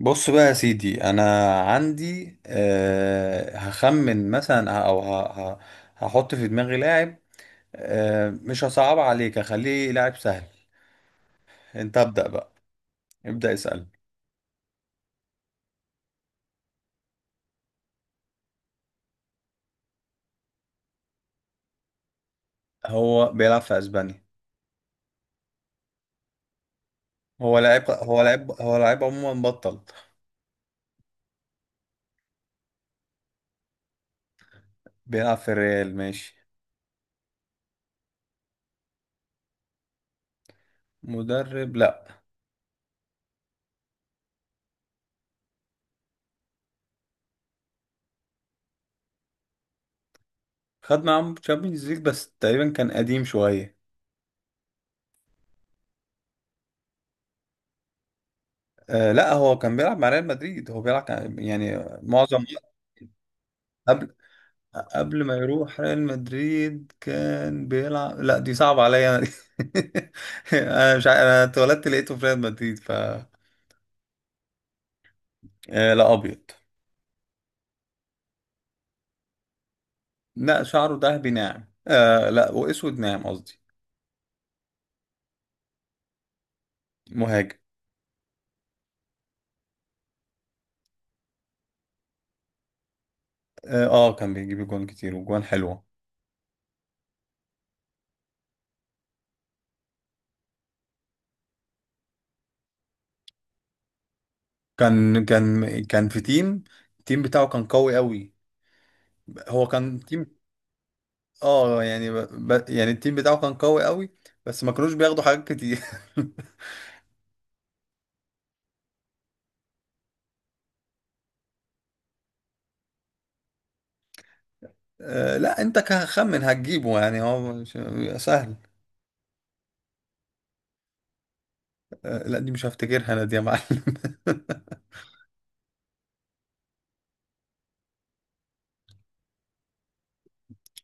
بص بقى يا سيدي، انا عندي هخمن مثلا او هحط في دماغي لاعب. مش هصعب عليك، هخليه لاعب سهل. انت ابدأ بقى، ابدأ اسأل. هو بيلعب في اسبانيا. هو لاعب عموما بطل. بيلعب في الريال، ماشي. مدرب، لا. خد معاهم تشامبيونز ليج، بس تقريبا كان قديم شوية. أه لا، هو كان بيلعب مع ريال مدريد. هو بيلعب يعني معظم. قبل قبل ما يروح ريال مدريد كان بيلعب. لا، دي صعبة عليا انا دي. انا مش انا اتولدت لقيته في ريال مدريد، ف آه لا، ابيض. لا، شعره ذهبي ناعم، آه، لا، واسود ناعم قصدي. مهاجم. اه، آه، كان بيجيب جوان كتير وجوان حلوة. كان في تيم. التيم بتاعه كان قوي قوي. هو كان تيم. اه، يعني يعني التيم بتاعه كان قوي قوي. بس ما كانوش بياخدوا حاجات كتير. آه لا، انت كخمن هتجيبه يعني، هو مش سهل. آه لا، دي مش هفتكرها انا دي يا معلم.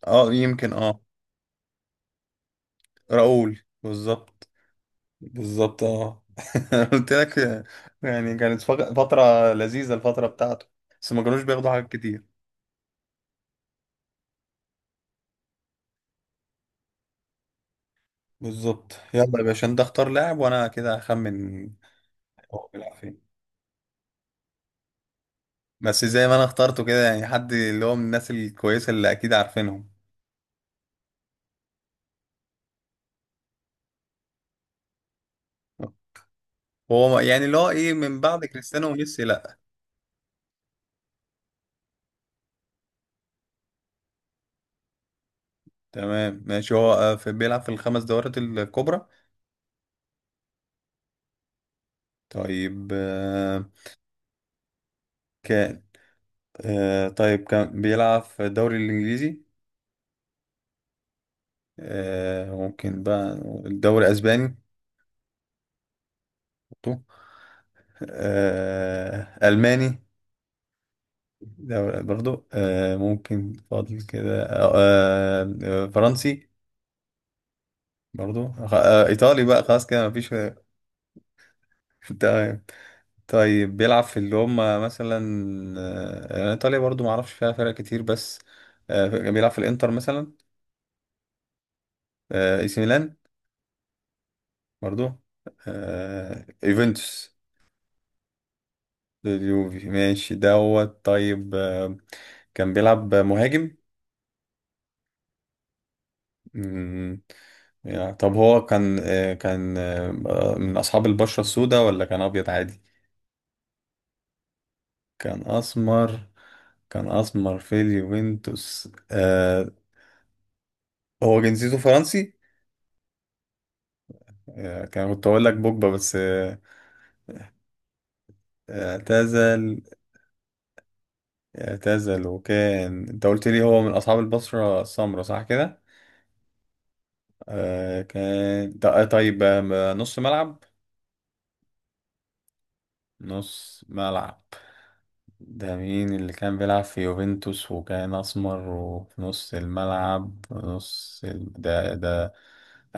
اه، يمكن، اه. راؤول، بالظبط. بالظبط، اه. قلت لك، آه، يعني كانت فترة لذيذة، الفترة بتاعته. بس ما كانوش بياخدوا حاجات كتير. بالظبط، يلا يا باشا، انت اختار لاعب وانا كده هخمن. هو بيلعب فين؟ بس زي ما انا اخترته كده، يعني حد اللي هو من الناس الكويسة اللي اكيد عارفينهم. هو يعني اللي هو ايه، من بعد كريستيانو وميسي، لا. تمام، ماشي، هو في بيلعب في الخمس دورات الكبرى. طيب، كان طيب كان بيلعب في الدوري الإنجليزي. ممكن بقى الدوري الأسباني. برضو. ألماني. دوري برضو. ممكن فاضل كده. فرنسي. برضو. إيطالي بقى، خلاص كده مفيش. تمام. طيب، بيلعب في اللي هم مثلا. يعني ايطاليا برضو ما اعرفش فيها فرق كتير، بس بيلعب في الانتر مثلا. اي سي ميلان. برضو. يوفنتوس. اليوفي، ماشي، دوت. طيب، كان بيلعب مهاجم. مم، يعني طب هو كان من اصحاب البشرة السوداء ولا كان ابيض عادي؟ كان اسمر. كان اسمر في اليوفنتوس، هو جنسيته فرنسي. كان كنت اقول لك بوجبا، بس اعتزل. اعتزل. وكان انت قلت لي هو من اصحاب البصرة السمراء، صح كده؟ كان طيب، نص ملعب. نص ملعب. ده مين اللي كان بيلعب في يوفنتوس وكان اسمر وفي نص الملعب، ده.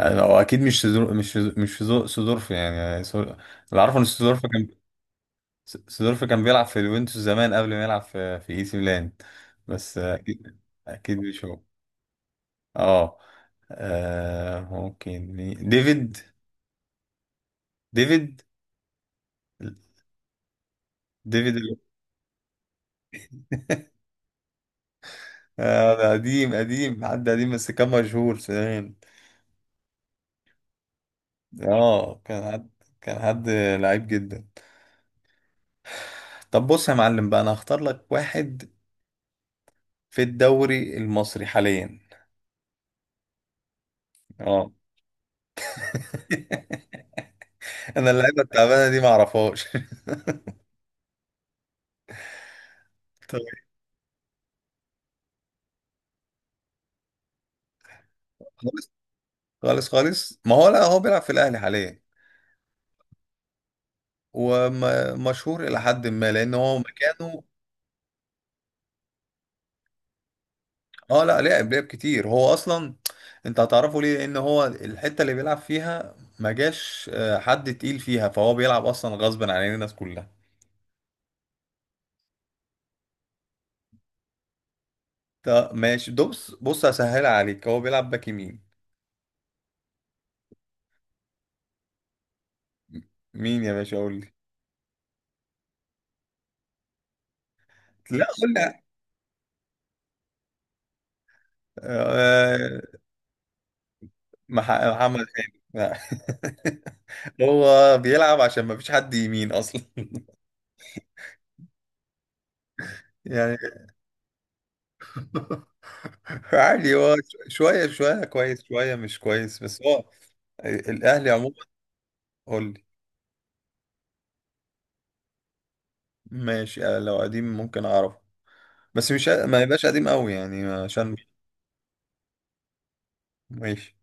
هو اكيد مش سدورف، يعني اللي عارفه ان سدورف كان. سيدورف كان بيلعب في اليوفنتوس زمان، قبل ما يلعب في اي سي ميلان. بس اكيد. اكيد مش هو. اه. ممكن ديفيد. ديفيد. ديفيد آه، ده قديم قديم، حد قديم، بس كان مشهور زمان. اه، كان حد. كان حد لعيب جدا. طب بص يا معلم بقى، انا هختار لك واحد في الدوري المصري حاليا. اه. انا اللعيبه التعبانه دي ما اعرفهاش. طيب. خالص خالص، ما هو لا، هو بيلعب في الاهلي حاليا. ومشهور الى حد ما، لان هو مكانه. اه لا، لعب كتير، هو اصلا. انت هتعرفه ليه، لان هو الحته اللي بيلعب فيها ما جاش حد تقيل فيها، فهو بيلعب اصلا غصب عن الناس كلها. طب ماشي، بص بص هسهلها عليك، هو بيلعب باك يمين. مين يا باشا؟ قول لي. لا، قول لي. آه، محمد هاني، لا. هو بيلعب عشان ما فيش حد يمين اصلا. يعني. عادي، هو شوية شوية كويس، شوية مش كويس، بس هو الأهلي عموما. قول لي. ماشي. لو قديم ممكن أعرفه. بس مش ما يبقاش قديم قوي يعني، عشان ماشي.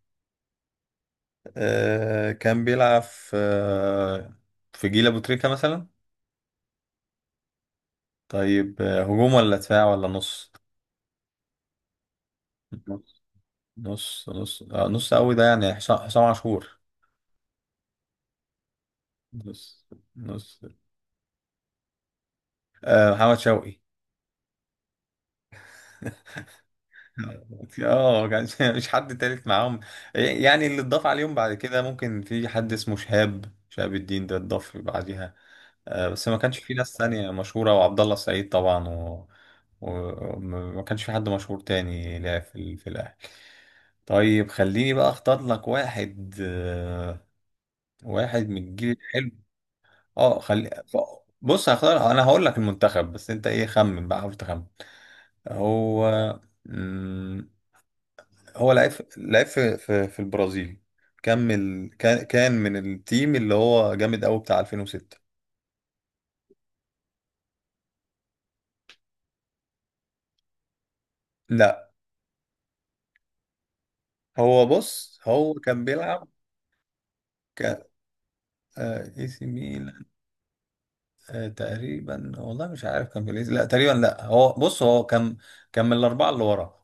كان بيلعب في جيل أبو تريكة مثلا. طيب. هجوم ولا دفاع ولا نص؟ نص. نص قوي، ده يعني حسام عاشور. نص نص آه محمد شوقي. اه، مش حد تالت معاهم. يعني اللي اتضاف عليهم بعد كده، ممكن في حد اسمه شهاب الدين ده، اتضاف بعديها. بس ما كانش في ناس تانية مشهورة، وعبد الله السعيد طبعا، و... وما كانش في حد مشهور تاني، لا في الأهلي. طيب، خليني بقى اختار لك واحد، واحد من الجيل الحلو. اه، خلي بص، هختار انا، هقول لك المنتخب، بس انت ايه، خمن بقى، حاول تخمن. هو هو لعب في البرازيل. كمل. كان من التيم اللي هو جامد قوي، بتاع 2006. لا، هو بص، هو كان بيلعب ك آه، اي سي ميلان. تقريبا والله مش عارف كان في لا، تقريبا لا، هو بص، هو كان. كان من الاربعه اللي ورا.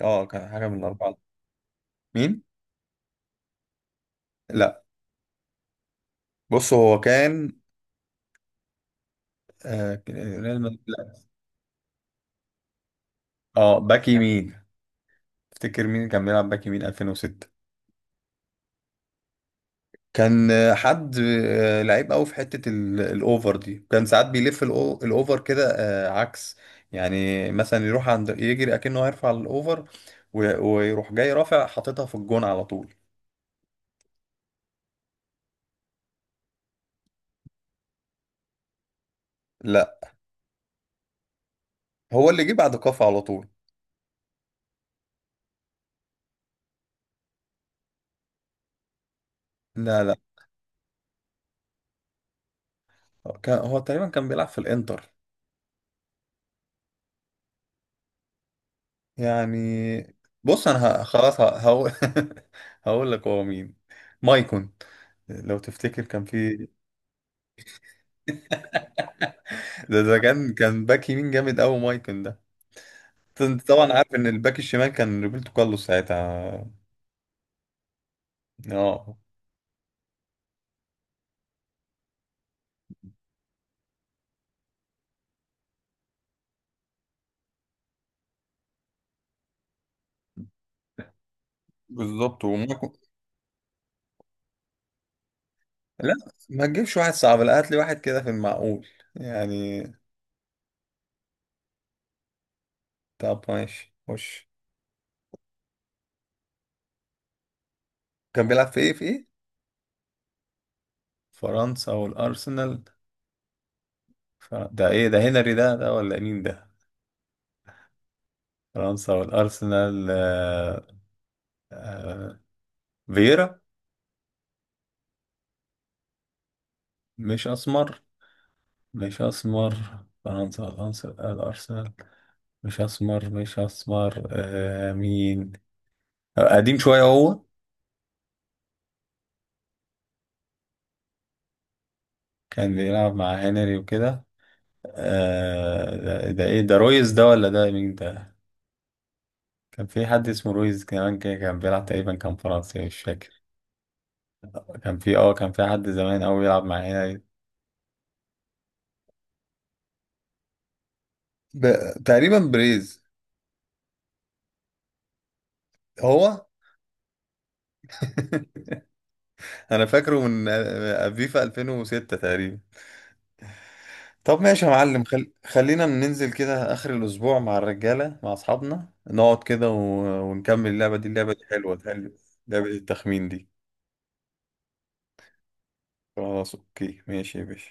اه، كان حاجه من الاربعه. مين؟ لا. بص، هو كان ريال مدريد، لا. اه، باك يمين. افتكر، مين كان بيلعب باك يمين 2006؟ كان حد لعيب قوي في حتة الاوفر دي، كان ساعات بيلف الاوفر كده عكس. يعني مثلا، يروح عند، يجري اكنه هيرفع الاوفر، ويروح جاي رافع حاططها في الجون على طول. لا، هو اللي جه بعد كافو على طول. لا، لا، كان هو تقريبا كان بيلعب في الانتر يعني. بص انا خلاص هقول. هقول لك هو مين. مايكون. لو تفتكر كان في. ده كان باك يمين جامد قوي، مايكون ده. انت طبعا عارف ان الباك الشمال كان روبرتو كارلوس ساعتها. اه، بالظبط، وما لا، ما تجيبش واحد صعب. لا، هات لي واحد كده في المعقول يعني. طب ماشي، خش. كان بيلعب في ايه، في ايه؟ فرنسا والارسنال. ده ايه ده، هنري ده ولا مين ده؟ فرنسا والارسنال، آه... فييرا. مش اسمر. مش اسمر. فرنسا والارسنال، الارسنال. مش اسمر، مش اسمر، مين؟ قديم شوية هو. كان بيلعب مع هنري وكده. ده ايه ده، رويز ده ولا ده مين ده؟ كان في حد اسمه رويز كمان كده، كان بيلعب تقريبا، كان فرنسي، مش فاكر. كان في حد زمان قوي بيلعب مع هنري. ب... تقريبا بريز. هو. انا فاكره من فيفا 2006 تقريبا. طب ماشي يا معلم، خلينا ننزل كده آخر الأسبوع مع الرجالة، مع أصحابنا، نقعد كده و... ونكمل اللعبة دي، اللعبة دي حلوة حلوة. لعبة التخمين دي. خلاص، أوكي، ماشي يا باشا.